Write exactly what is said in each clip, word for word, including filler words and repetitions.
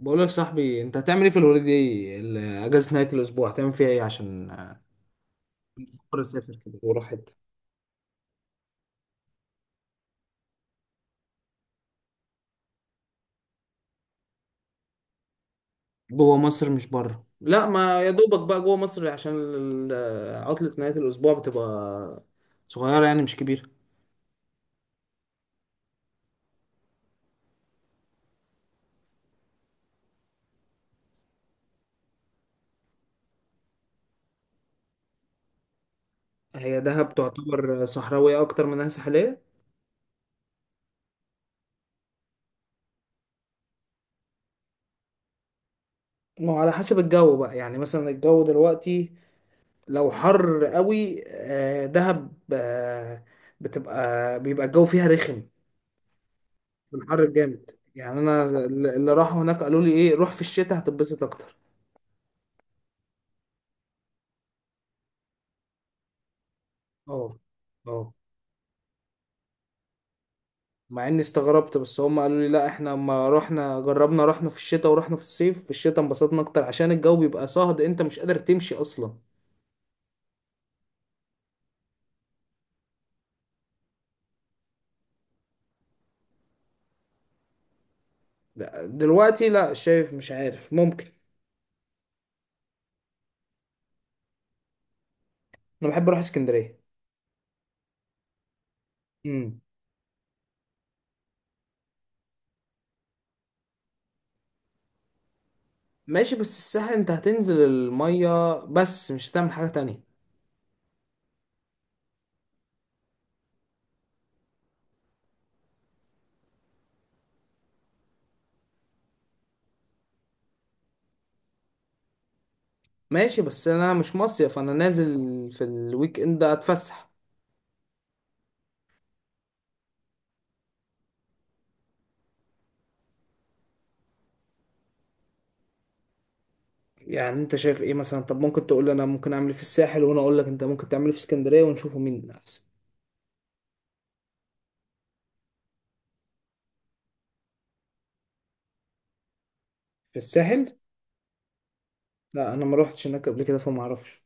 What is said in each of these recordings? بقول لك صاحبي، انت هتعمل ايه في الهوليداي ال- اجازه نهايه الاسبوع؟ هتعمل فيها ايه؟ عشان بكره اسافر كده واروح حته جوه مصر مش بره. لا، ما يا دوبك بقى جوه مصر عشان ال- عطله نهايه الاسبوع بتبقى صغيره، يعني مش كبيره. هي دهب تعتبر صحراويه اكتر منها ساحليه. ما هو على حسب الجو بقى، يعني مثلا الجو دلوقتي لو حر قوي، آه، دهب آه، بتبقى بيبقى الجو فيها رخم. الحر جامد، يعني انا اللي راحوا هناك قالوا لي ايه، روح في الشتاء هتتبسط اكتر. اه. اه. مع اني استغربت، بس هم قالوا لي لا احنا لما رحنا جربنا، رحنا في الشتاء ورحنا في الصيف، في الشتاء انبسطنا اكتر عشان الجو بيبقى صهد، انت مش قادر تمشي اصلا. لا، دلوقتي لا، شايف مش عارف، ممكن. انا بحب اروح اسكندرية. امم. ماشي، بس الساحل انت هتنزل المية بس مش هتعمل حاجة تانية. ماشي، بس انا مش مصيف، انا نازل في الويك اند اتفسح. يعني انت شايف ايه مثلا؟ طب ممكن تقول لي انا ممكن اعمل ايه في الساحل، وانا اقول لك انت ممكن تعمل ايه في اسكندريه، ونشوفه مين احسن. في الساحل. لا، انا ما روحتش هناك قبل كده فما اعرفش.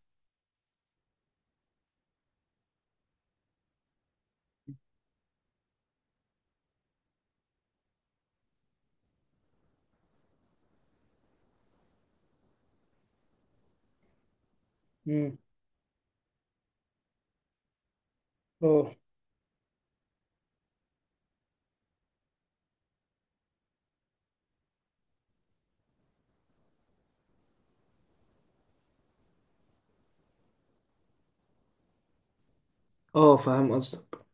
امم. اه. اه. فاهم قصدك.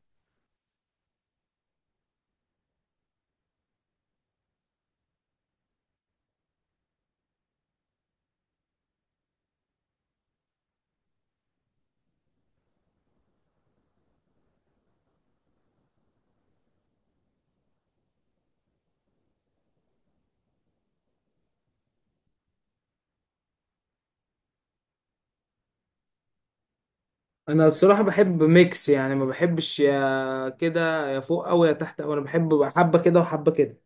انا الصراحه بحب ميكس، يعني ما بحبش يا كده يا فوق او يا تحت، او انا بحب بقى حبه كده وحبه كده.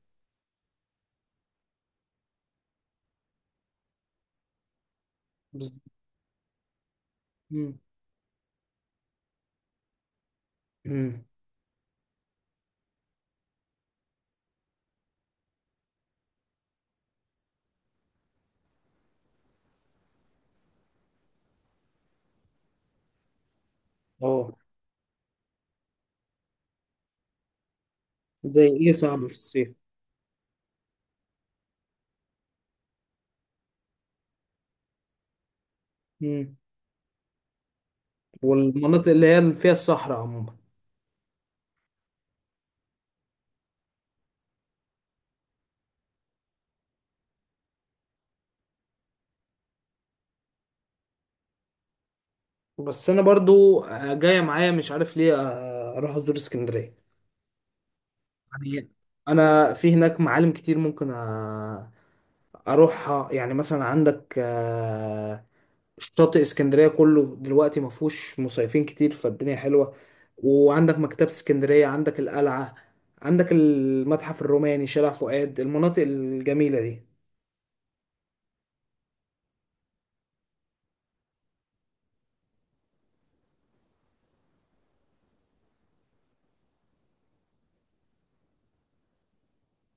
بالظبط. امم. امم. اه. زي ايه صعب في الصيف؟ امم. والمناطق اللي هي اللي فيها الصحراء عموما. بس انا برضو جايه معايا مش عارف ليه، آه، اروح ازور اسكندريه. يعني انا في هناك معالم كتير ممكن أ- اروحها، يعني مثلا عندك آه، شاطئ اسكندريه كله دلوقتي ما فيهوش مصيفين كتير فالدنيا حلوه، وعندك مكتبه اسكندريه، عندك القلعه، عندك المتحف الروماني، شارع فؤاد، المناطق الجميله دي.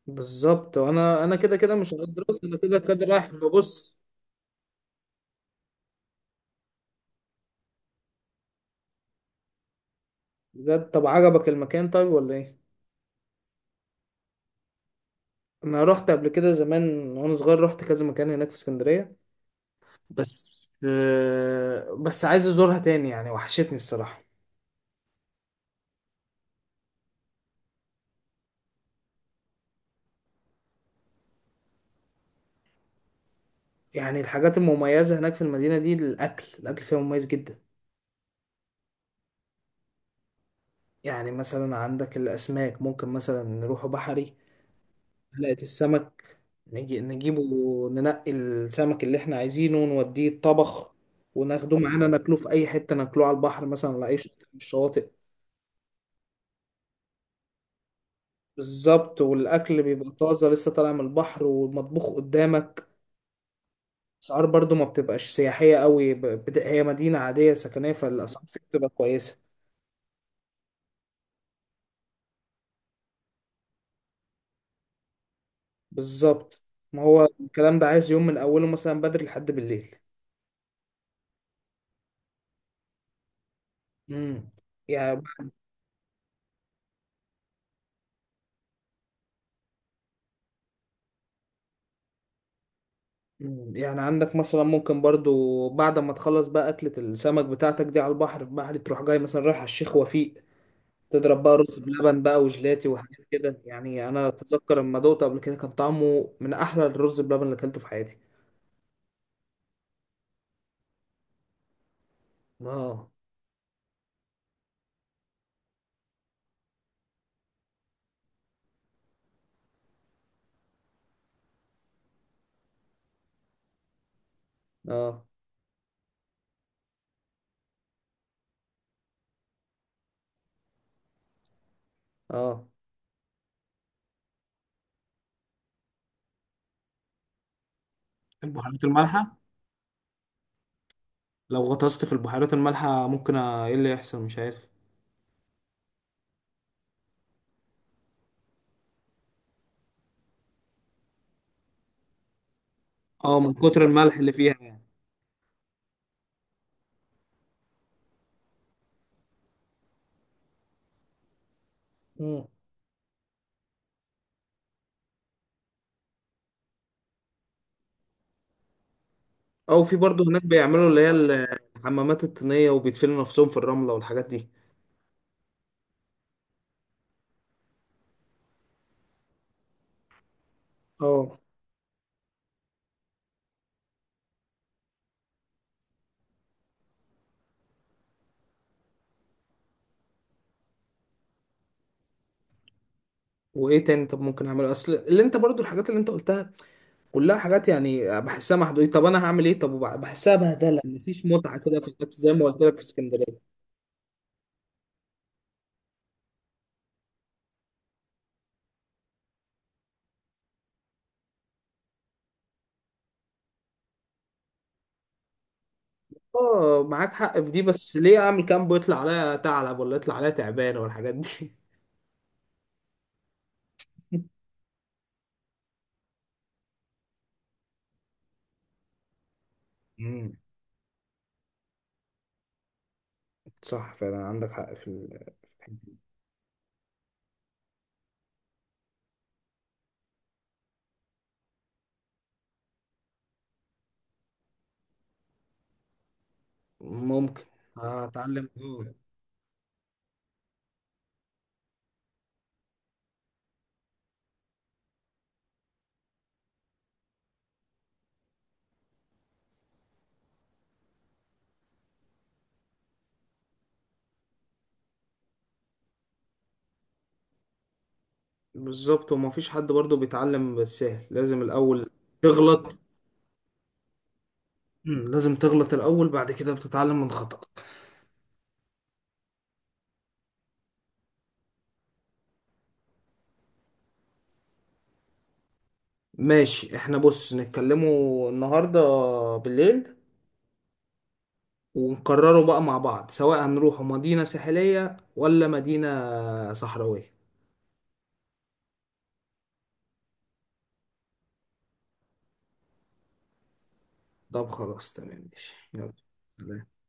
بالظبط. وانا انا كده كده مش هقعد دراسه، انا كده كده رايح ببص. ده طب عجبك المكان طيب ولا ايه؟ انا رحت قبل كده زمان وانا صغير، رحت كذا مكان هناك في اسكندريه، بس آه، بس عايز ازورها تاني يعني، وحشتني الصراحة. يعني الحاجات المميزة هناك في المدينة دي، الأكل الأكل فيها مميز جدا. يعني مثلا عندك الأسماك، ممكن مثلا نروح بحري، حلقة السمك، نجي نجيبه، ننقي السمك اللي احنا عايزينه ونوديه الطبخ، وناخده معانا ناكله في أي حتة، ناكله على البحر مثلا ولا أي شط من الشواطئ. بالظبط. والأكل بيبقى طازة لسه طالع من البحر ومطبوخ قدامك. اسعار برضو ما بتبقاش سياحية قوي، ب- بت- هي مدينة عادية سكنية، فالاسعار فيها بتبقى كويسة. بالظبط. ما هو الكلام ده عايز يوم من اوله مثلا بدري لحد بالليل. امم. يعني مم. يعني عندك مثلا ممكن برضو بعد ما تخلص بقى أكلة السمك بتاعتك دي على البحر، بحر تروح جاي مثلا رايح على الشيخ وفيق، تضرب بقى رز بلبن بقى وجلاتي وحاجات كده يعني. أنا أتذكر لما دوقته قبل كده كان طعمه من أحلى الرز بلبن اللي أكلته في حياتي. اه. اه. اه. البهارات المالحة. لو غطست في البحيرات المالحة ممكن أ- ايه اللي يحصل مش عارف؟ اه، من كتر الملح اللي فيها يعني. مم. او في برضه هناك بيعملوا اللي هي ال- الحمامات الطينية وبيدفنوا نفسهم في الرملة والحاجات دي. اه. وايه تاني طب ممكن اعمله؟ اصل اللي انت برضو الحاجات اللي انت قلتها كلها حاجات، يعني بحسها محدودة. طب انا هعمل ايه؟ طب وبع- بحسها بهدلة مفيش متعة كده في النفس زي ما قلت لك في اسكندرية. اه، معاك حق في دي، بس ليه اعمل كامب ويطلع عليا ثعلب ولا يطلع عليا تعبان ولا الحاجات دي؟ صح، فعلا عندك حق في ال- في الحتة دي. ممكن. هتعلم، اه. بالظبط. وما فيش حد برضو بيتعلم بالسهل، لازم الأول تغلط. مم، لازم تغلط الأول، بعد كده بتتعلم من خطأك. ماشي، احنا بص نتكلموا النهاردة بالليل، ونقرروا بقى مع بعض سواء هنروحوا مدينة ساحلية ولا مدينة صحراوية. طب خلاص، تمام، ماشي، يلا.